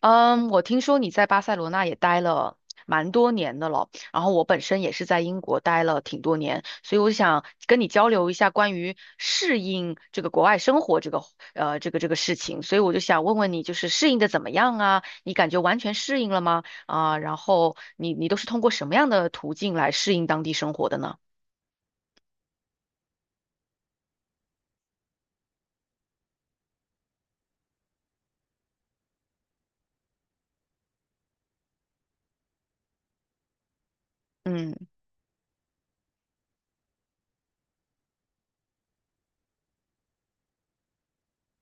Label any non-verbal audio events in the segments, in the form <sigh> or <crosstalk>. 嗯，我听说你在巴塞罗那也待了蛮多年的了，然后我本身也是在英国待了挺多年，所以我想跟你交流一下关于适应这个国外生活这个事情，所以我就想问问你，就是适应的怎么样啊？你感觉完全适应了吗？啊，然后你都是通过什么样的途径来适应当地生活的呢？嗯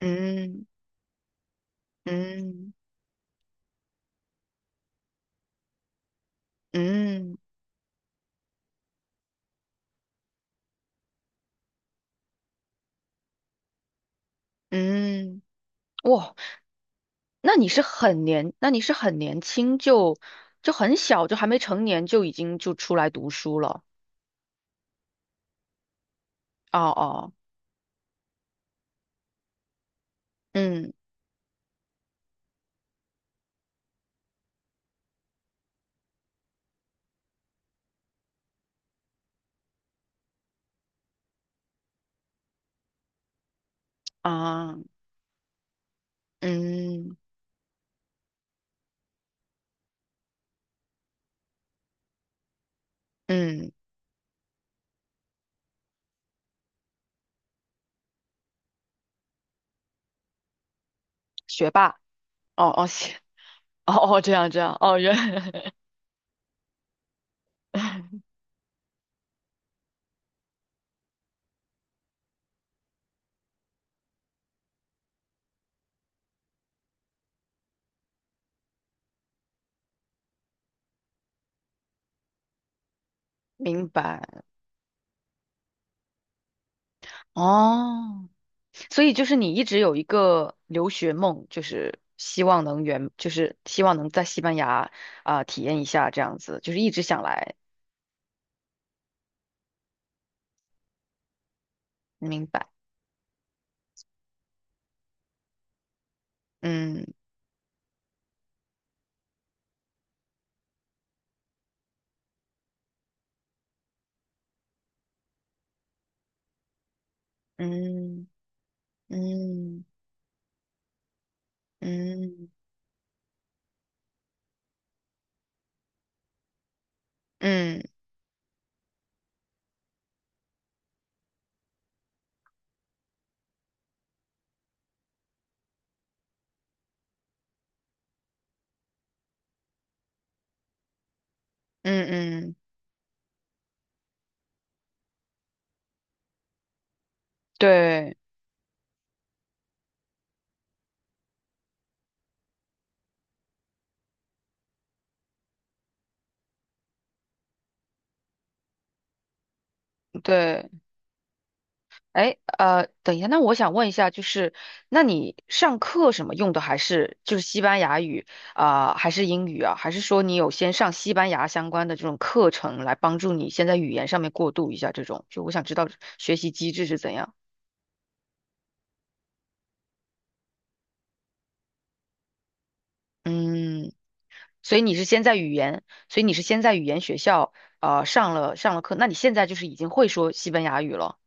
嗯嗯嗯嗯，哇！那你是很年轻就很小，就还没成年就已经就出来读书了。哦哦，嗯啊，嗯嗯，学霸。哦哦，哦哦，这样这样，哦，<laughs> 明白。哦，所以就是你一直有一个留学梦，就是希望能圆，就是希望能在西班牙啊、体验一下这样子，就是一直想来。明白。嗯嗯嗯嗯。嗯嗯嗯，对对，哎，等一下，那我想问一下，就是那你上课什么用的还是就是西班牙语啊，还是英语啊，还是说你有先上西班牙相关的这种课程来帮助你先在语言上面过渡一下这种？就我想知道学习机制是怎样。嗯，所以你是先在语言，所以你是先在语言学校上了课，那你现在就是已经会说西班牙语了。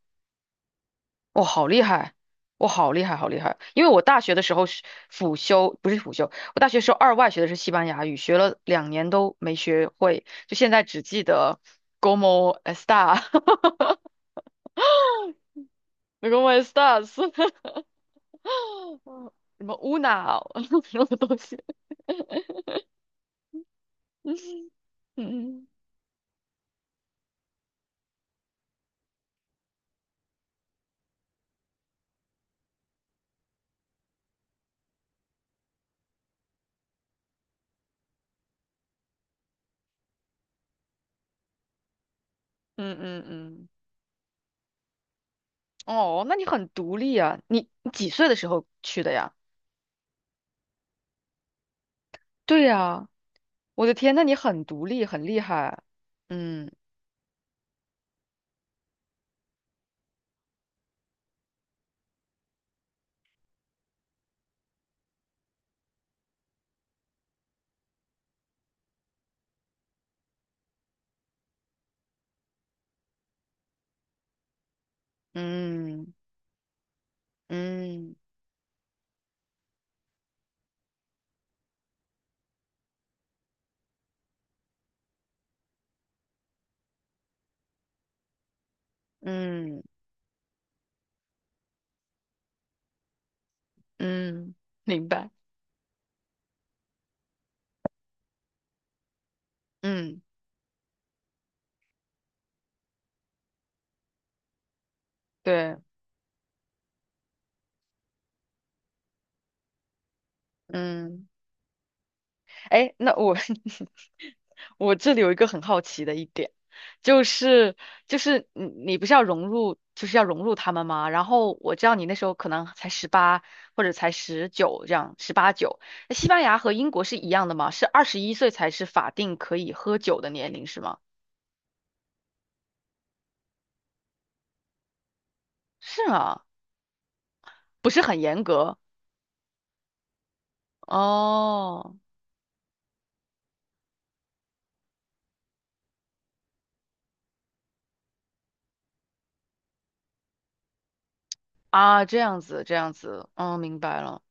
哇、好厉害！哇、好厉害，好厉害！因为我大学的时候是辅修，不是辅修，我大学时候二外学的是西班牙语，学了2年都没学会，就现在只记得 como está <laughs>，como estás，<laughs> 什么 una <laughs> 什么东西。<laughs> 嗯嗯嗯嗯，哦，那你很独立啊！你几岁的时候去的呀？对呀，我的天，那你很独立，很厉害。嗯嗯嗯嗯。嗯，明白。嗯，对，嗯，哎，那我 <laughs> 我这里有一个很好奇的一点，就是就是你不是要融入，就是要融入他们吗？然后我知道你那时候可能才十八或者才19这样，十八九。那西班牙和英国是一样的吗？是21岁才是法定可以喝酒的年龄是吗？是啊，不是很严格哦。啊，这样子，这样子，嗯，明白了。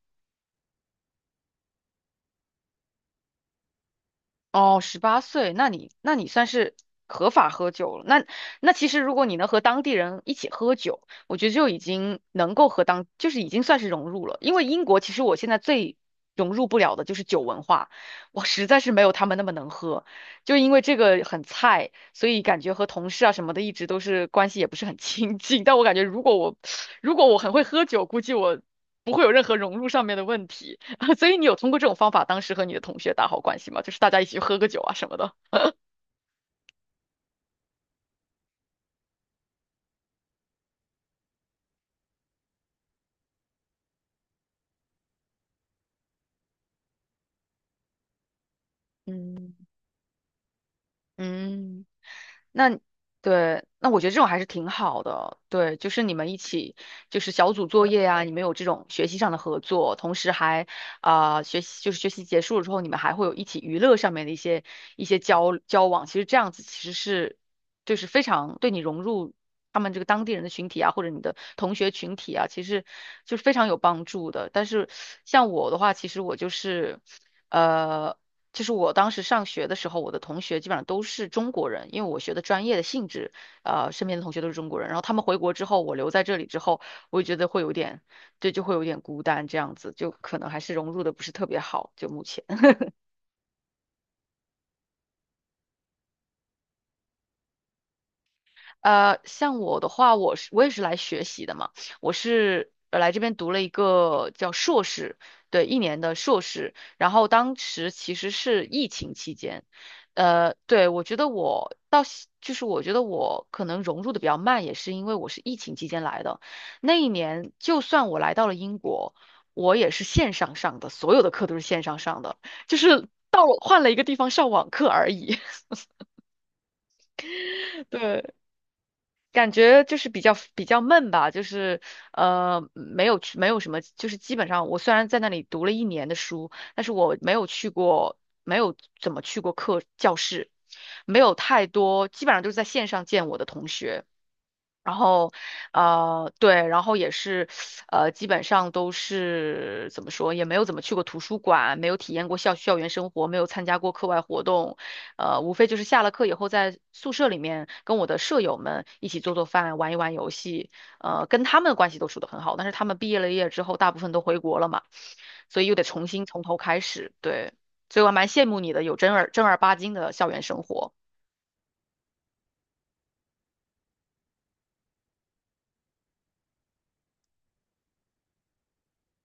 哦，18岁，那你算是合法喝酒了。那其实如果你能和当地人一起喝酒，我觉得就已经能够就是已经算是融入了。因为英国其实我现在最融入不了的就是酒文化，我实在是没有他们那么能喝，就因为这个很菜，所以感觉和同事啊什么的一直都是关系也不是很亲近。但我感觉如果我 <sucks teeth> 如果我很会喝酒，估计我不会有任何融入上面的问题。<laughs> 所以你有通过这种方法，当时和你的同学打好关系吗？就是大家一起去喝个酒啊什么的。嗯嗯，那对，那我觉得这种还是挺好的。对，就是你们一起，就是小组作业呀、你们有这种学习上的合作，同时还就是学习结束了之后，你们还会有一起娱乐上面的一些交往。其实这样子其实是就是非常对你融入他们这个当地人的群体啊，或者你的同学群体啊，其实就是非常有帮助的。但是像我的话，其实我就是，呃，我当时上学的时候，我的同学基本上都是中国人，因为我学的专业的性质，身边的同学都是中国人。然后他们回国之后，我留在这里之后，我也觉得会有点，对，就会有点孤单这样子，就可能还是融入的不是特别好，就目前。像我的话，我也是来学习的嘛，我是来这边读了一个叫硕士，对，一年的硕士。然后当时其实是疫情期间，对，我觉得我到现就是我觉得我可能融入的比较慢，也是因为我是疫情期间来的。那一年，就算我来到了英国，我也是线上上的，所有的课都是线上上的，就是到了换了一个地方上网课而已。<laughs> 对。感觉就是比较闷吧，就是没有什么，就是基本上我虽然在那里读了一年的书，但是我没有去过，没有怎么去过课教室，没有太多，基本上都是在线上见我的同学。然后，对，然后也是，基本上都是怎么说，也没有怎么去过图书馆，没有体验过校园生活，没有参加过课外活动，无非就是下了课以后在宿舍里面跟我的舍友们一起做做饭，玩一玩游戏，跟他们关系都处得很好，但是他们毕业了之后，大部分都回国了嘛，所以又得重新从头开始，对，所以我还蛮羡慕你的，有正儿八经的校园生活。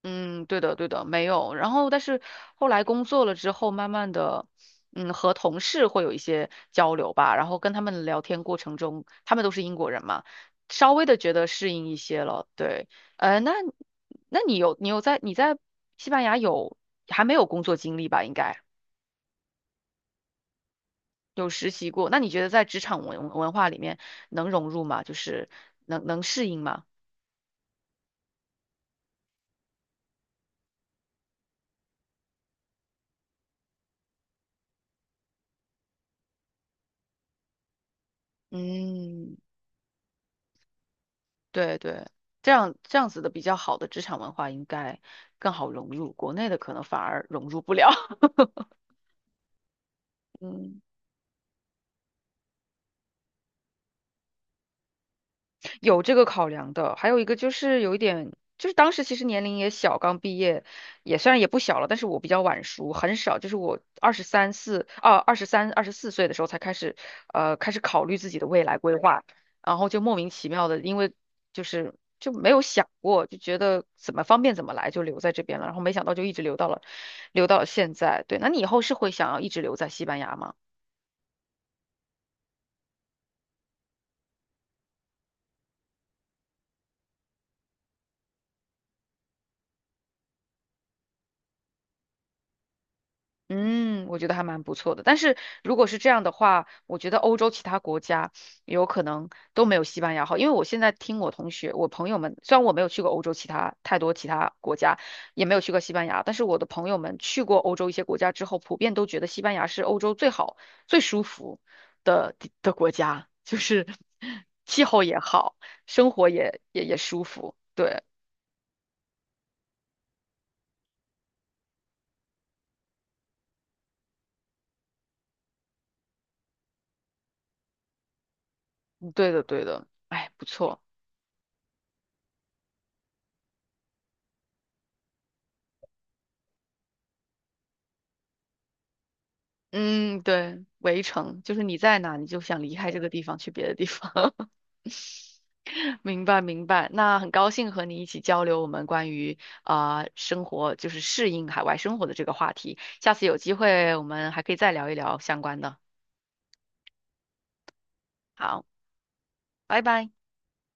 嗯，对的，对的，没有。然后，但是后来工作了之后，慢慢的，嗯，和同事会有一些交流吧。然后跟他们聊天过程中，他们都是英国人嘛，稍微的觉得适应一些了。对，呃，那那你有你有在你在西班牙还没有工作经历吧？应该有实习过。那你觉得在职场文化里面能融入吗？就是能适应吗？嗯对对，这样这样子的比较好的职场文化应该更好融入，国内的可能反而融入不了。<laughs> 嗯。有这个考量的，还有一个就是有一点，就是当时其实年龄也小，刚毕业，也虽然也不小了，但是我比较晚熟，很少，就是我二十三四啊，二十三、24岁的时候才开始，开始考虑自己的未来规划，然后就莫名其妙的，因为就是就没有想过，就觉得怎么方便怎么来，就留在这边了，然后没想到就一直留到了现在。对，那你以后是会想要一直留在西班牙吗？嗯，我觉得还蛮不错的。但是如果是这样的话，我觉得欧洲其他国家有可能都没有西班牙好，因为我现在听我同学、我朋友们，虽然我没有去过欧洲其他国家，也没有去过西班牙，但是我的朋友们去过欧洲一些国家之后，普遍都觉得西班牙是欧洲最好、最舒服的国家，就是 <laughs> 气候也好，生活也舒服。对，嗯对的，对的，哎，不错。嗯，对，围城就是你在哪，你就想离开这个地方去别的地方。<laughs> 明白，明白。那很高兴和你一起交流我们关于生活，就是适应海外生活的这个话题。下次有机会我们还可以再聊一聊相关的。好，拜拜。